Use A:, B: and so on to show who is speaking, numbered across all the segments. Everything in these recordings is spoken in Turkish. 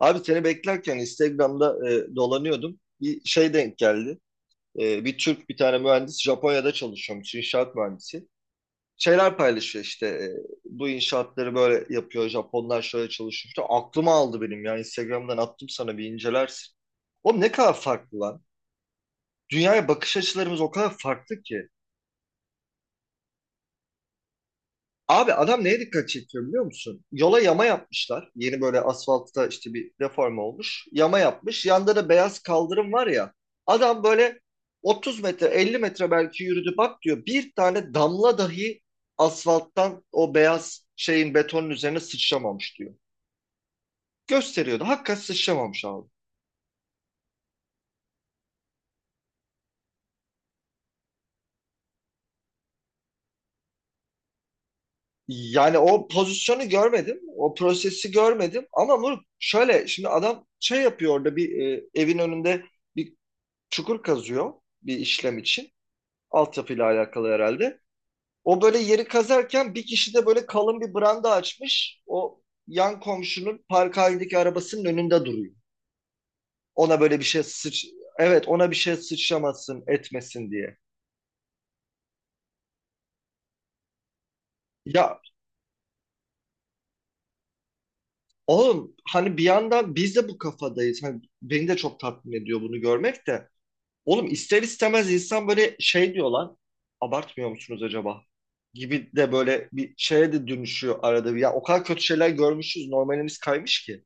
A: Abi seni beklerken Instagram'da dolanıyordum. Bir şey denk geldi. Bir Türk bir tane mühendis Japonya'da çalışıyormuş, inşaat mühendisi. Şeyler paylaşıyor işte, bu inşaatları böyle yapıyor, Japonlar şöyle çalışıyor. İşte aklıma aldı benim ya, Instagram'dan attım sana, bir incelersin. Oğlum, ne kadar farklı lan. Dünyaya bakış açılarımız o kadar farklı ki. Abi, adam neye dikkat çekiyor biliyor musun? Yola yama yapmışlar. Yeni böyle asfaltta işte bir reform olmuş. Yama yapmış. Yanda da beyaz kaldırım var ya. Adam böyle 30 metre 50 metre belki yürüdü bak diyor. Bir tane damla dahi asfalttan o beyaz şeyin, betonun üzerine sıçramamış diyor. Gösteriyordu. Hakikaten sıçramamış abi. Yani o pozisyonu görmedim. O prosesi görmedim. Ama bu şöyle, şimdi adam şey yapıyor orada, bir evin önünde bir çukur kazıyor bir işlem için. Altyapıyla alakalı herhalde. O böyle yeri kazarken bir kişi de böyle kalın bir branda açmış. O, yan komşunun park halindeki arabasının önünde duruyor. Ona böyle bir şey sıç... Evet, ona bir şey sıçramasın etmesin diye. Ya oğlum, hani bir yandan biz de bu kafadayız. Hani beni de çok tatmin ediyor bunu görmek de. Oğlum, ister istemez insan böyle şey diyor lan. Abartmıyor musunuz acaba? Gibi de böyle bir şeye de dönüşüyor arada bir. Ya, o kadar kötü şeyler görmüşüz. Normalimiz kaymış ki.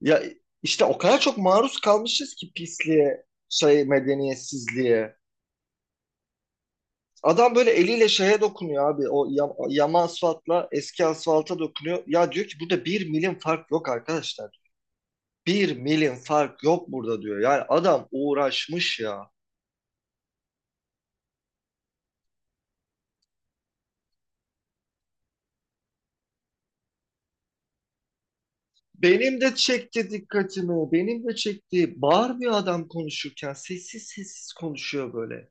A: Ya işte, o kadar çok maruz kalmışız ki pisliğe, şey medeniyetsizliğe. Adam böyle eliyle şeye dokunuyor abi. O yama asfaltla eski asfalta dokunuyor. Ya diyor ki, burada bir milim fark yok arkadaşlar. Bir milim fark yok burada diyor. Yani adam uğraşmış ya. Benim de çekti dikkatimi. Benim de çekti. Bağırmıyor adam konuşurken. Sessiz sessiz konuşuyor böyle.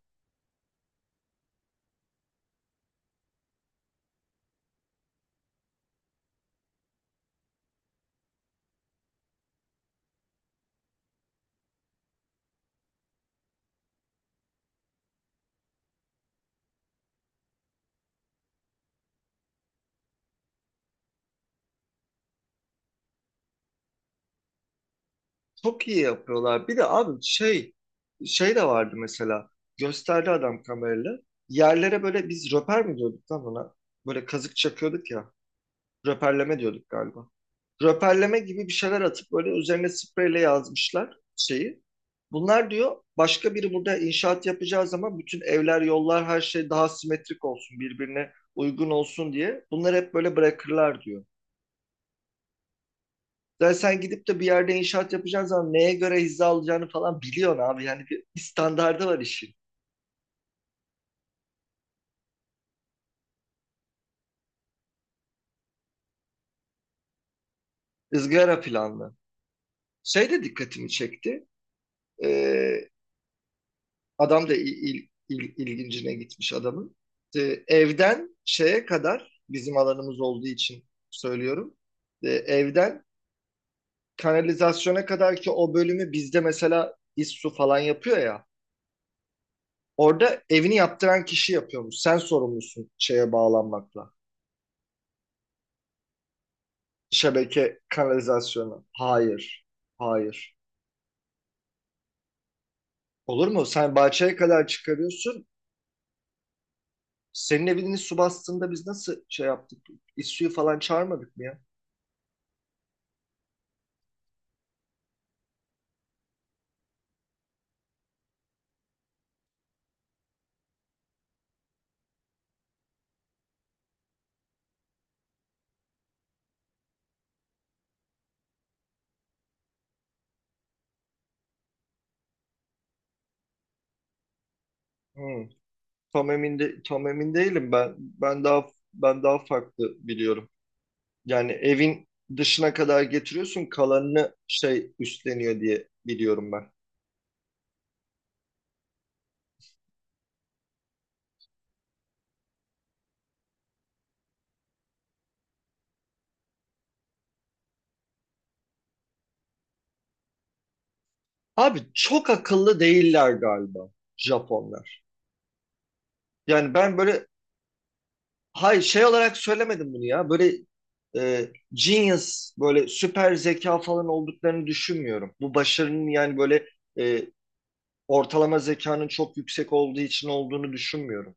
A: Çok iyi yapıyorlar. Bir de abi şey şey de vardı mesela. Gösterdi adam kamerayla. Yerlere böyle, biz röper mi diyorduk lan ona? Böyle kazık çakıyorduk ya. Röperleme diyorduk galiba. Röperleme gibi bir şeyler atıp böyle üzerine spreyle yazmışlar şeyi. Bunlar diyor, başka biri burada inşaat yapacağı zaman bütün evler, yollar, her şey daha simetrik olsun, birbirine uygun olsun diye. Bunları hep böyle bırakırlar diyor. Yani sen gidip de bir yerde inşaat yapacağın zaman neye göre hizaya alacağını falan biliyorsun abi. Yani bir, standardı var işin. Izgara planlı. Şey de dikkatimi çekti. Ee, Adam da ilgincine gitmiş adamın. İşte evden şeye kadar bizim alanımız olduğu için söylüyorum. Evden kanalizasyona kadar ki o bölümü, bizde mesela İSSU falan yapıyor ya. Orada evini yaptıran kişi yapıyormuş. Sen sorumlusun şeye bağlanmakla. Şebeke kanalizasyonu. Hayır. Hayır. Olur mu? Sen bahçeye kadar çıkarıyorsun. Senin evini su bastığında biz nasıl şey yaptık? İSSU'yu falan çağırmadık mı ya? Hı. Tam emin de, tam emin değilim ben. Ben daha farklı biliyorum. Yani evin dışına kadar getiriyorsun, kalanını şey üstleniyor diye biliyorum ben. Abi çok akıllı değiller galiba Japonlar. Yani ben böyle hay şey olarak söylemedim bunu ya. Böyle genius, böyle süper zeka falan olduklarını düşünmüyorum. Bu başarının yani böyle, e, ortalama zekanın çok yüksek olduğu için olduğunu düşünmüyorum.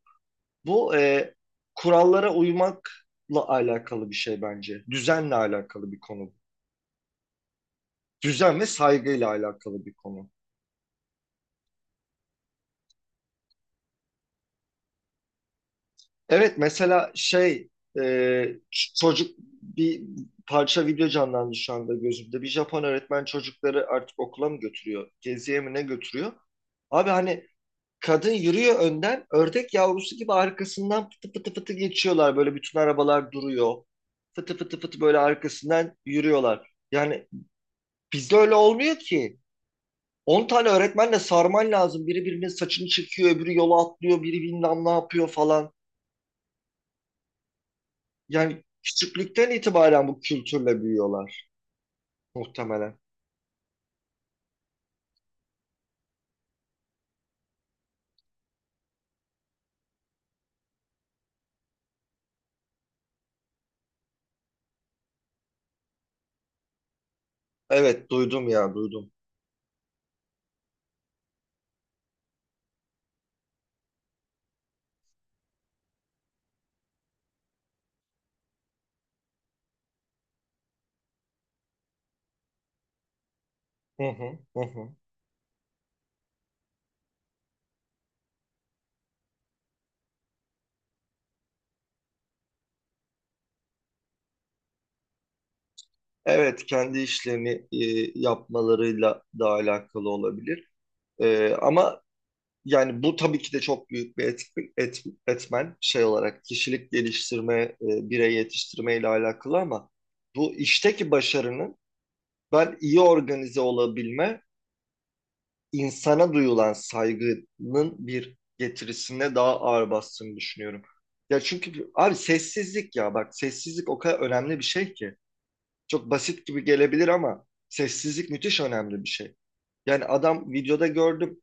A: Bu kurallara uymakla alakalı bir şey bence. Düzenle alakalı bir konu. Düzen ve saygıyla alakalı bir konu. Evet mesela şey, e, çocuk, bir parça video canlandı şu anda gözümde. Bir Japon öğretmen çocukları artık okula mı götürüyor, geziye mi ne götürüyor? Abi hani, kadın yürüyor önden, ördek yavrusu gibi arkasından fıtı fıtı fıtı geçiyorlar. Böyle bütün arabalar duruyor. Fıtı fıtı fıtı böyle arkasından yürüyorlar. Yani bizde öyle olmuyor ki. 10 tane öğretmenle sarman lazım. Biri birinin saçını çekiyor, öbürü yola atlıyor, biri bilmem ne yapıyor falan. Yani küçüklükten itibaren bu kültürle büyüyorlar muhtemelen. Evet duydum ya, duydum. Hı hı, hı hı. Evet, kendi işlerini yapmalarıyla da alakalı olabilir. Ama yani bu tabii ki de çok büyük bir etmen, şey olarak kişilik geliştirme, birey yetiştirme ile alakalı, ama bu işteki başarının, ben iyi organize olabilme, insana duyulan saygının bir getirisine daha ağır bastığını düşünüyorum. Ya çünkü abi, sessizlik ya, bak sessizlik o kadar önemli bir şey ki. Çok basit gibi gelebilir ama sessizlik müthiş önemli bir şey. Yani adam, videoda gördüm.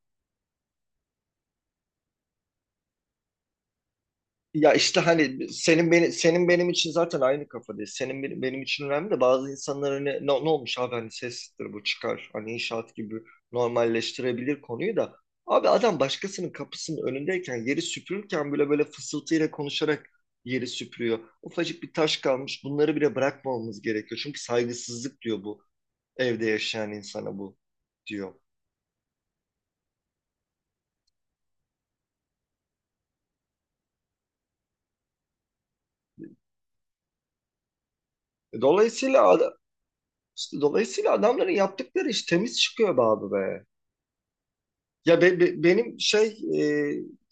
A: Ya işte hani, senin beni, senin benim için zaten aynı kafadayız. Senin benim, benim için önemli, de bazı insanlar hani, ne, ne olmuş abi, hani sestir bu, çıkar. Hani inşaat gibi normalleştirebilir konuyu da. Abi adam başkasının kapısının önündeyken, yeri süpürürken bile böyle fısıltıyla konuşarak yeri süpürüyor. Ufacık bir taş kalmış. Bunları bile bırakmamamız gerekiyor. Çünkü saygısızlık diyor bu, evde yaşayan insana bu, diyor. E, Dolayısıyla ad- işte dolayısıyla adamların yaptıkları iş temiz çıkıyor be abi be. Ya benim şey, e,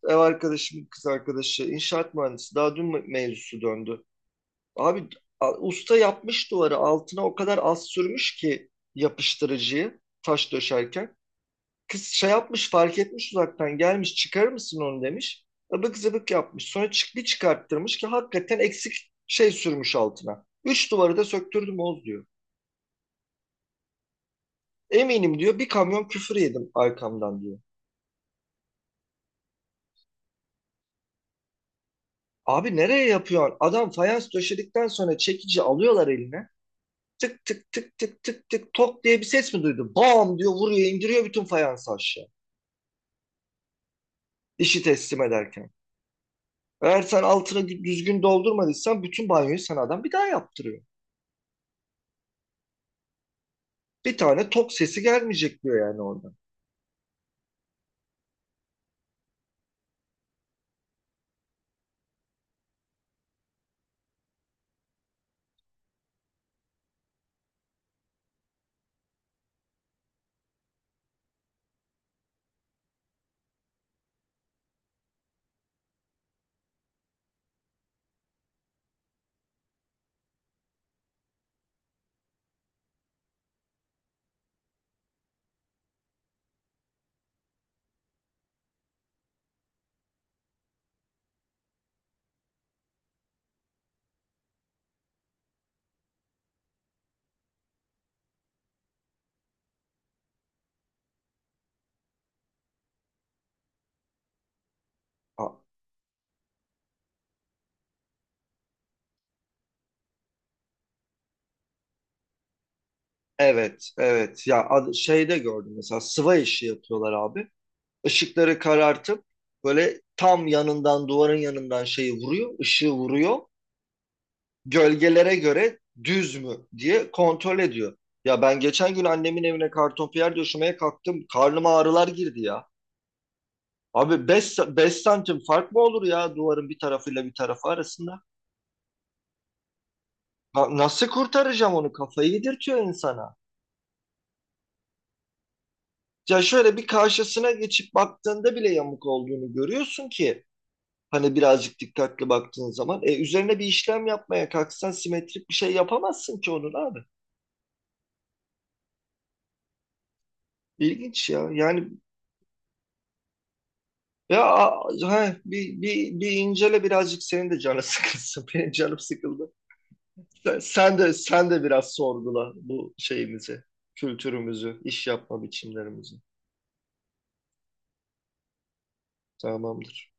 A: ev arkadaşım, kız arkadaşı inşaat mühendisi. Daha dün mevzusu döndü. Abi, usta yapmış duvarı, altına o kadar az sürmüş ki yapıştırıcıyı, taş döşerken. Kız şey yapmış, fark etmiş, uzaktan gelmiş, çıkarır mısın onu demiş. Abık zıbık yapmış. Sonra çık bir çıkarttırmış ki hakikaten eksik şey sürmüş altına. Üç duvarı da söktürdüm Oğuz diyor. Eminim diyor, bir kamyon küfür yedim arkamdan diyor. Abi nereye yapıyorsun? Adam fayans döşedikten sonra çekici alıyorlar eline. Tık tık tık tık tık tık tok diye bir ses mi duydun? Bam diyor, vuruyor indiriyor bütün fayansı aşağı. İşi teslim ederken. Eğer sen altına düzgün doldurmadıysan bütün banyoyu sana adam bir daha yaptırıyor. Bir tane tok sesi gelmeyecek diyor yani oradan. Aa, evet evet ya, şeyde gördüm mesela, sıva işi yapıyorlar abi. Işıkları karartıp böyle tam yanından, duvarın yanından şeyi vuruyor, ışığı vuruyor. Gölgelere göre düz mü diye kontrol ediyor. Ya ben geçen gün annemin evine kartonpiyer döşemeye kalktım. Karnıma ağrılar girdi ya. Abi, 5 5 santim fark mı olur ya duvarın bir tarafıyla bir tarafı arasında? Nasıl kurtaracağım onu? Kafayı yedirtiyor insana. Ya şöyle bir karşısına geçip baktığında bile yamuk olduğunu görüyorsun ki, hani birazcık dikkatli baktığın zaman. Üzerine bir işlem yapmaya kalksan simetrik bir şey yapamazsın ki onun abi. İlginç ya. Yani, ya, he, bir incele birazcık, senin de canı sıkılsın. Benim canım sıkıldı. Sen de biraz sorgula bu şeyimizi, kültürümüzü, iş yapma biçimlerimizi. Tamamdır.